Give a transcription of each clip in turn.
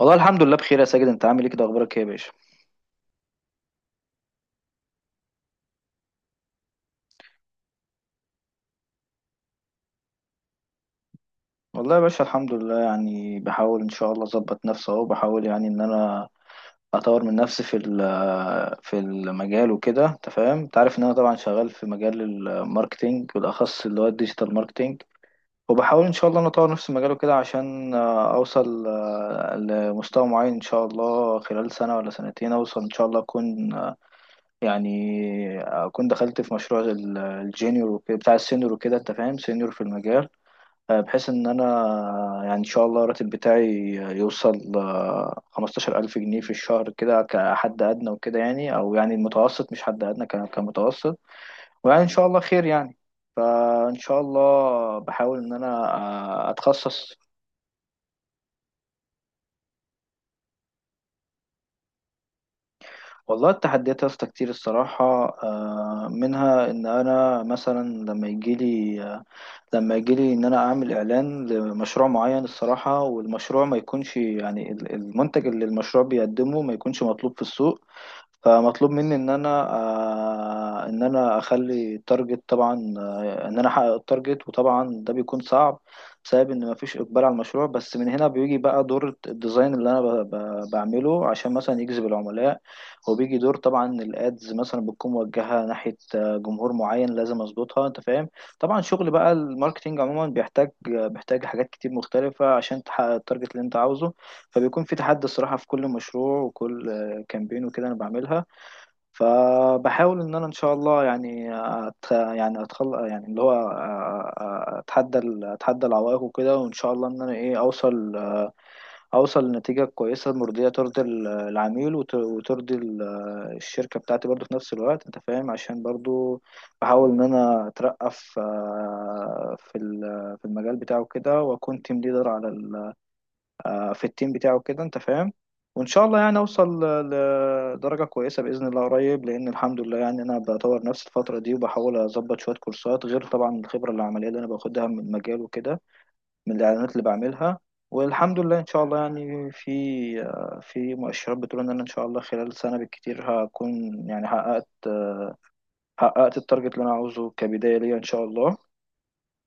والله الحمد لله بخير يا ساجد، انت عامل ايه كده؟ اخبارك ايه يا باشا؟ والله يا باشا الحمد لله، يعني بحاول ان شاء الله اظبط نفسي اهو. بحاول يعني ان انا اطور من نفسي في في المجال وكده، انت فاهم. انت عارف ان انا طبعا شغال في مجال الماركتينج، بالاخص اللي هو الديجيتال ماركتينج. وبحاول ان شاء الله ان اطور نفسي في المجال وكده عشان اوصل لمستوى معين ان شاء الله. خلال سنة ولا سنتين اوصل ان شاء الله، اكون يعني اكون دخلت في مشروع بتاع السينيور وكده، انت فاهم، سينيور في المجال. بحيث ان انا يعني ان شاء الله الراتب بتاعي يوصل 15000 جنيه في الشهر كده كحد ادنى وكده، يعني، او يعني المتوسط مش حد ادنى، كمتوسط. ويعني ان شاء الله خير يعني. فان شاء الله بحاول ان انا اتخصص. والله التحديات يا اسطى كتير الصراحة. منها ان انا مثلا لما يجيلي، لما يجيلي ان انا اعمل اعلان لمشروع معين الصراحة، والمشروع ما يكونش يعني المنتج اللي المشروع بيقدمه ما يكونش مطلوب في السوق. فمطلوب مني ان انا ان انا اخلي التارجت، طبعا ان انا احقق التارجت، وطبعا ده بيكون صعب بسبب ان مفيش اقبال على المشروع. بس من هنا بيجي بقى دور الديزاين اللي انا بعمله عشان مثلا يجذب العملاء. وبيجي دور طبعا الادز، مثلا بتكون موجهه ناحيه جمهور معين لازم اظبطها، انت فاهم. طبعا شغل بقى الماركتينج عموما بيحتاج بيحتاج حاجات كتير مختلفه عشان تحقق التارجت اللي انت عاوزه. فبيكون في تحدي الصراحه في كل مشروع وكل كامبين وكده انا بعملها. فبحاول ان انا ان شاء الله يعني أت... يعني اتخل يعني اللي هو أ- أ- اتحدى اتحدى العوائق وكده، وان شاء الله ان انا ايه اوصل، اوصل لنتيجة كويسة مرضية ترضي العميل، وترضي الشركة بتاعتي برضو في نفس الوقت، انت فاهم. عشان برضو بحاول ان انا اترقى في في المجال بتاعه كده، واكون تيم ليدر على في التيم بتاعه كده، انت فاهم. وان شاء الله يعني اوصل لدرجه كويسه باذن الله قريب، لان الحمد لله يعني انا بطور نفسي الفتره دي وبحاول اظبط شويه كورسات، غير طبعا الخبره العمليه اللي انا باخدها من المجال وكده، من الاعلانات اللي بعملها. والحمد لله ان شاء الله يعني في مؤشرات بتقول ان انا ان شاء الله خلال سنه بالكتير هكون يعني حققت، حققت التارجت اللي انا عاوزه كبدايه ليا ان شاء الله.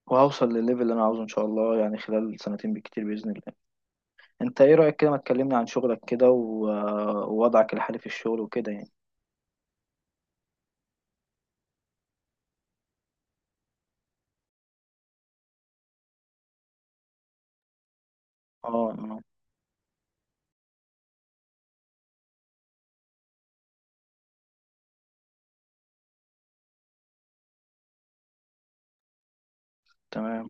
وهوصل للليفل اللي انا عاوزه ان شاء الله يعني خلال سنتين بالكتير باذن الله. انت ايه رأيك كده؟ ما تكلمني عن شغلك كده ووضعك الحالي في الشغل وكده يعني. اه اه. تمام.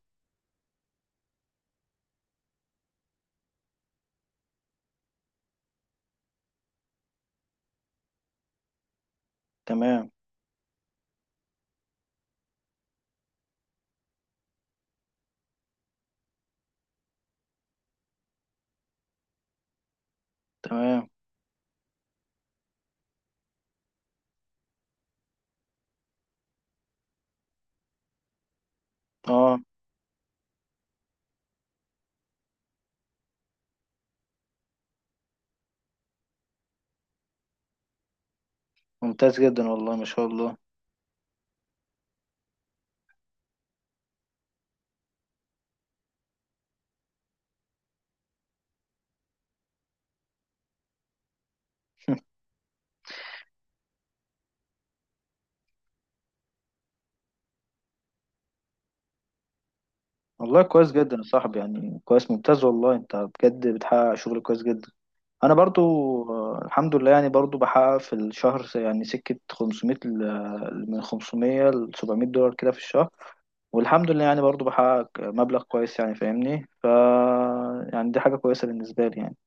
تمام. تمام. اه. ممتاز جدا والله، ما شاء الله. والله كويس جدا يا صاحبي، يعني كويس، ممتاز والله. انت بجد بتحقق شغل كويس جدا. انا برضو الحمد لله، يعني برضو بحقق في الشهر يعني سكة 500، من 500 ل $700 كده في الشهر. والحمد لله يعني برضو بحقق مبلغ كويس، يعني فاهمني. ف يعني دي حاجة كويسة بالنسبة لي يعني.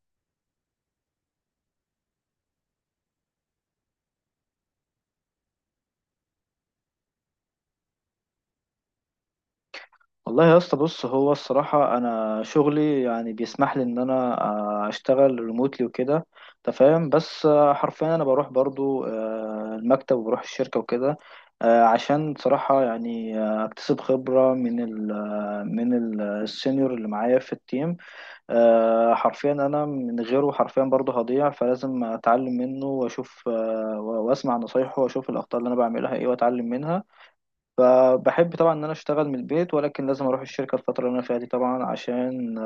والله يا اسطى بص، هو الصراحة أنا شغلي يعني بيسمح لي إن أنا أشتغل ريموتلي وكده، أنت فاهم. بس حرفيا أنا بروح برضو المكتب وبروح الشركة وكده، عشان صراحة يعني أكتسب خبرة من ال السينيور اللي معايا في التيم. حرفيا أنا من غيره حرفيا برضو هضيع، فلازم أتعلم منه وأشوف وأسمع نصايحه وأشوف الأخطاء اللي أنا بعملها إيه وأتعلم منها. فبحب طبعا ان انا اشتغل من البيت، ولكن لازم اروح الشركه الفتره اللي انا فيها دي طبعا، عشان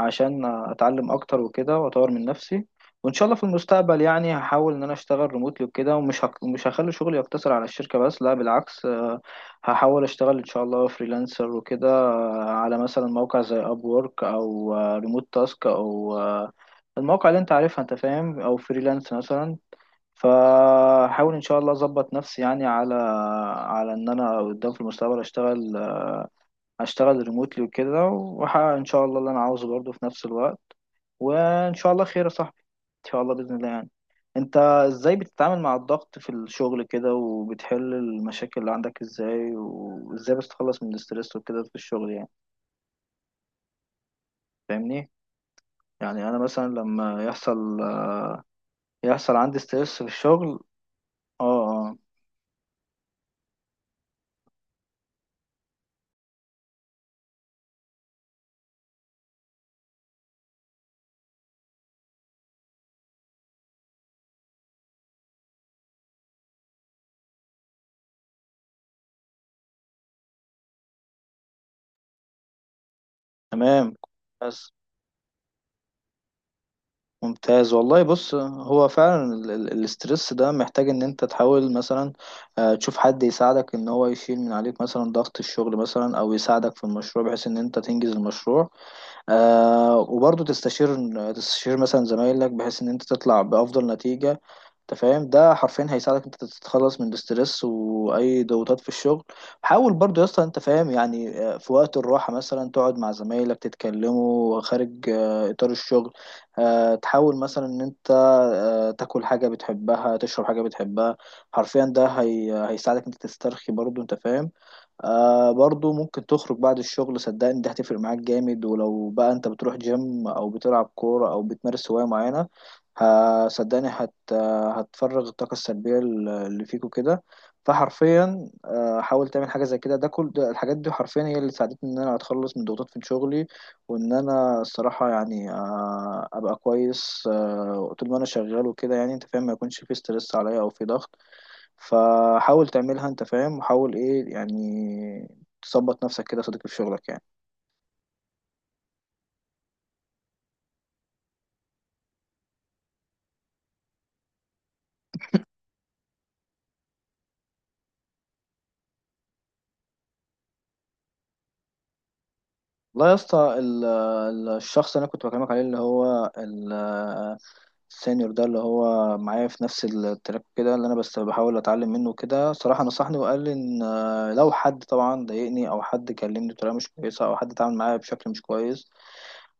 عشان اتعلم اكتر وكده واطور من نفسي. وان شاء الله في المستقبل يعني هحاول ان انا اشتغل ريموتلي وكده، ومش مش هخلي شغلي يقتصر على الشركه بس، لا بالعكس. هحاول اشتغل ان شاء الله فريلانسر وكده على مثلا موقع زي اب وورك او ريموت تاسك او المواقع اللي انت عارفها انت فاهم، او فريلانس مثلا. فحاول ان شاء الله اظبط نفسي يعني على ان انا قدام في المستقبل اشتغل، اشتغل ريموتلي وكده، واحقق ان شاء الله اللي انا عاوزه برضه في نفس الوقت. وان شاء الله خير يا صاحبي، ان شاء الله باذن الله يعني. انت ازاي بتتعامل مع الضغط في الشغل كده؟ وبتحل المشاكل اللي عندك ازاي؟ وازاي بتتخلص من الاسترس وكده في الشغل يعني؟ فاهمني، يعني انا مثلا لما يحصل، يحصل عندي ستريس في الشغل. اه اه. تمام. بس. ممتاز والله. بص هو فعلا الاسترس ده محتاج ان انت تحاول مثلا تشوف حد يساعدك ان هو يشيل من عليك مثلا ضغط الشغل مثلا، او يساعدك في المشروع بحيث ان انت تنجز المشروع. آه، وبرضه تستشير، تستشير مثلا زمايلك بحيث ان انت تطلع بافضل نتيجة، انت فاهم. ده حرفيا هيساعدك انت تتخلص من الاسترس واي ضغوطات في الشغل. حاول برضو يا اسطى، انت فاهم يعني في وقت الراحه مثلا تقعد مع زمايلك تتكلموا خارج اطار الشغل. تحاول مثلا ان انت تاكل حاجه بتحبها، تشرب حاجه بتحبها. حرفيا ده هي هيساعدك انت تسترخي برضو، انت فاهم. آه، برضو ممكن تخرج بعد الشغل، صدقني دي هتفرق معاك جامد. ولو بقى انت بتروح جيم او بتلعب كورة او بتمارس هواية معينة، ه- صدقني هت هتفرغ الطاقة السلبية اللي فيك وكده. فحرفيا حاول تعمل حاجة زي كده. ده كل ده الحاجات دي حرفيا هي اللي ساعدتني ان انا اتخلص من ضغوطات في شغلي، وان انا الصراحة يعني ابقى كويس طول ما انا شغال وكده يعني، انت فاهم، ما يكونش في ستريس عليا او في ضغط. فحاول تعملها انت فاهم، وحاول ايه يعني تظبط نفسك كده يا صديقي في شغلك يعني. والله يا اسطى الشخص اللي انا كنت بكلمك عليه، اللي هو السينيور ده اللي هو معايا في نفس التراك كده، اللي انا بس بحاول اتعلم منه كده صراحة، نصحني وقال لي ان لو حد طبعا ضايقني، او حد كلمني بطريقة مش كويسة، او حد اتعامل معايا بشكل مش كويس،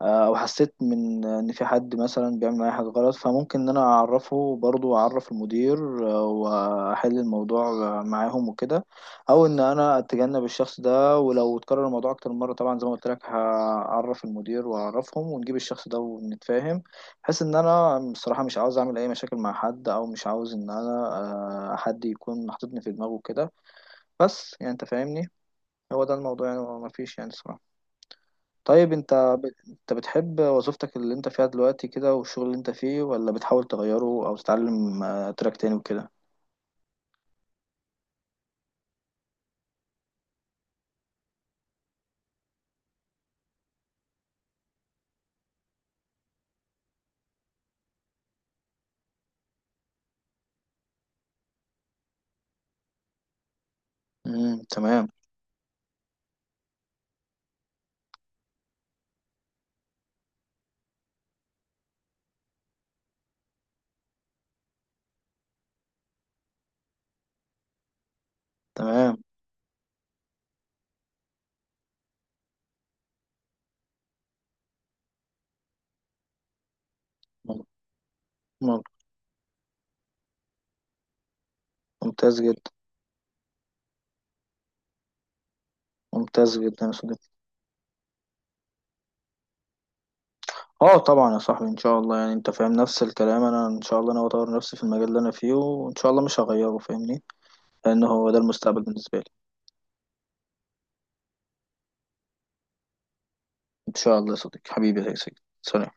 او حسيت من ان في حد مثلا بيعمل معايا حاجه غلط، فممكن ان انا اعرفه برضو، اعرف المدير واحل الموضوع معاهم وكده، او ان انا اتجنب الشخص ده. ولو اتكرر الموضوع اكتر من مره طبعا زي ما قلت لك، هعرف المدير واعرفهم ونجيب الشخص ده ونتفاهم. بحيث ان انا بصراحه مش عاوز اعمل اي مشاكل مع حد، او مش عاوز ان انا حد يكون حاططني في دماغه كده. بس يعني انت فاهمني، هو ده الموضوع يعني، مفيش يعني صراحه. طيب انت انت بتحب وظيفتك اللي انت فيها دلوقتي كده والشغل اللي انت فيه، ولا بتحاول تغيره او تتعلم تراك تاني وكده؟ امم. تمام. تمام. مم-. مم-. ممتاز جدا. ممتاز جدا يا صديقي. اه طبعا يا صاحبي، ان شاء الله يعني انت فاهم نفس الكلام. انا ان شاء الله انا اطور نفسي في المجال اللي انا فيه وان شاء الله مش هغيره فاهمني. لانه هو ده المستقبل بالنسبة لي. ان شاء الله يا صديقي حبيبي يا سيدي، سلام.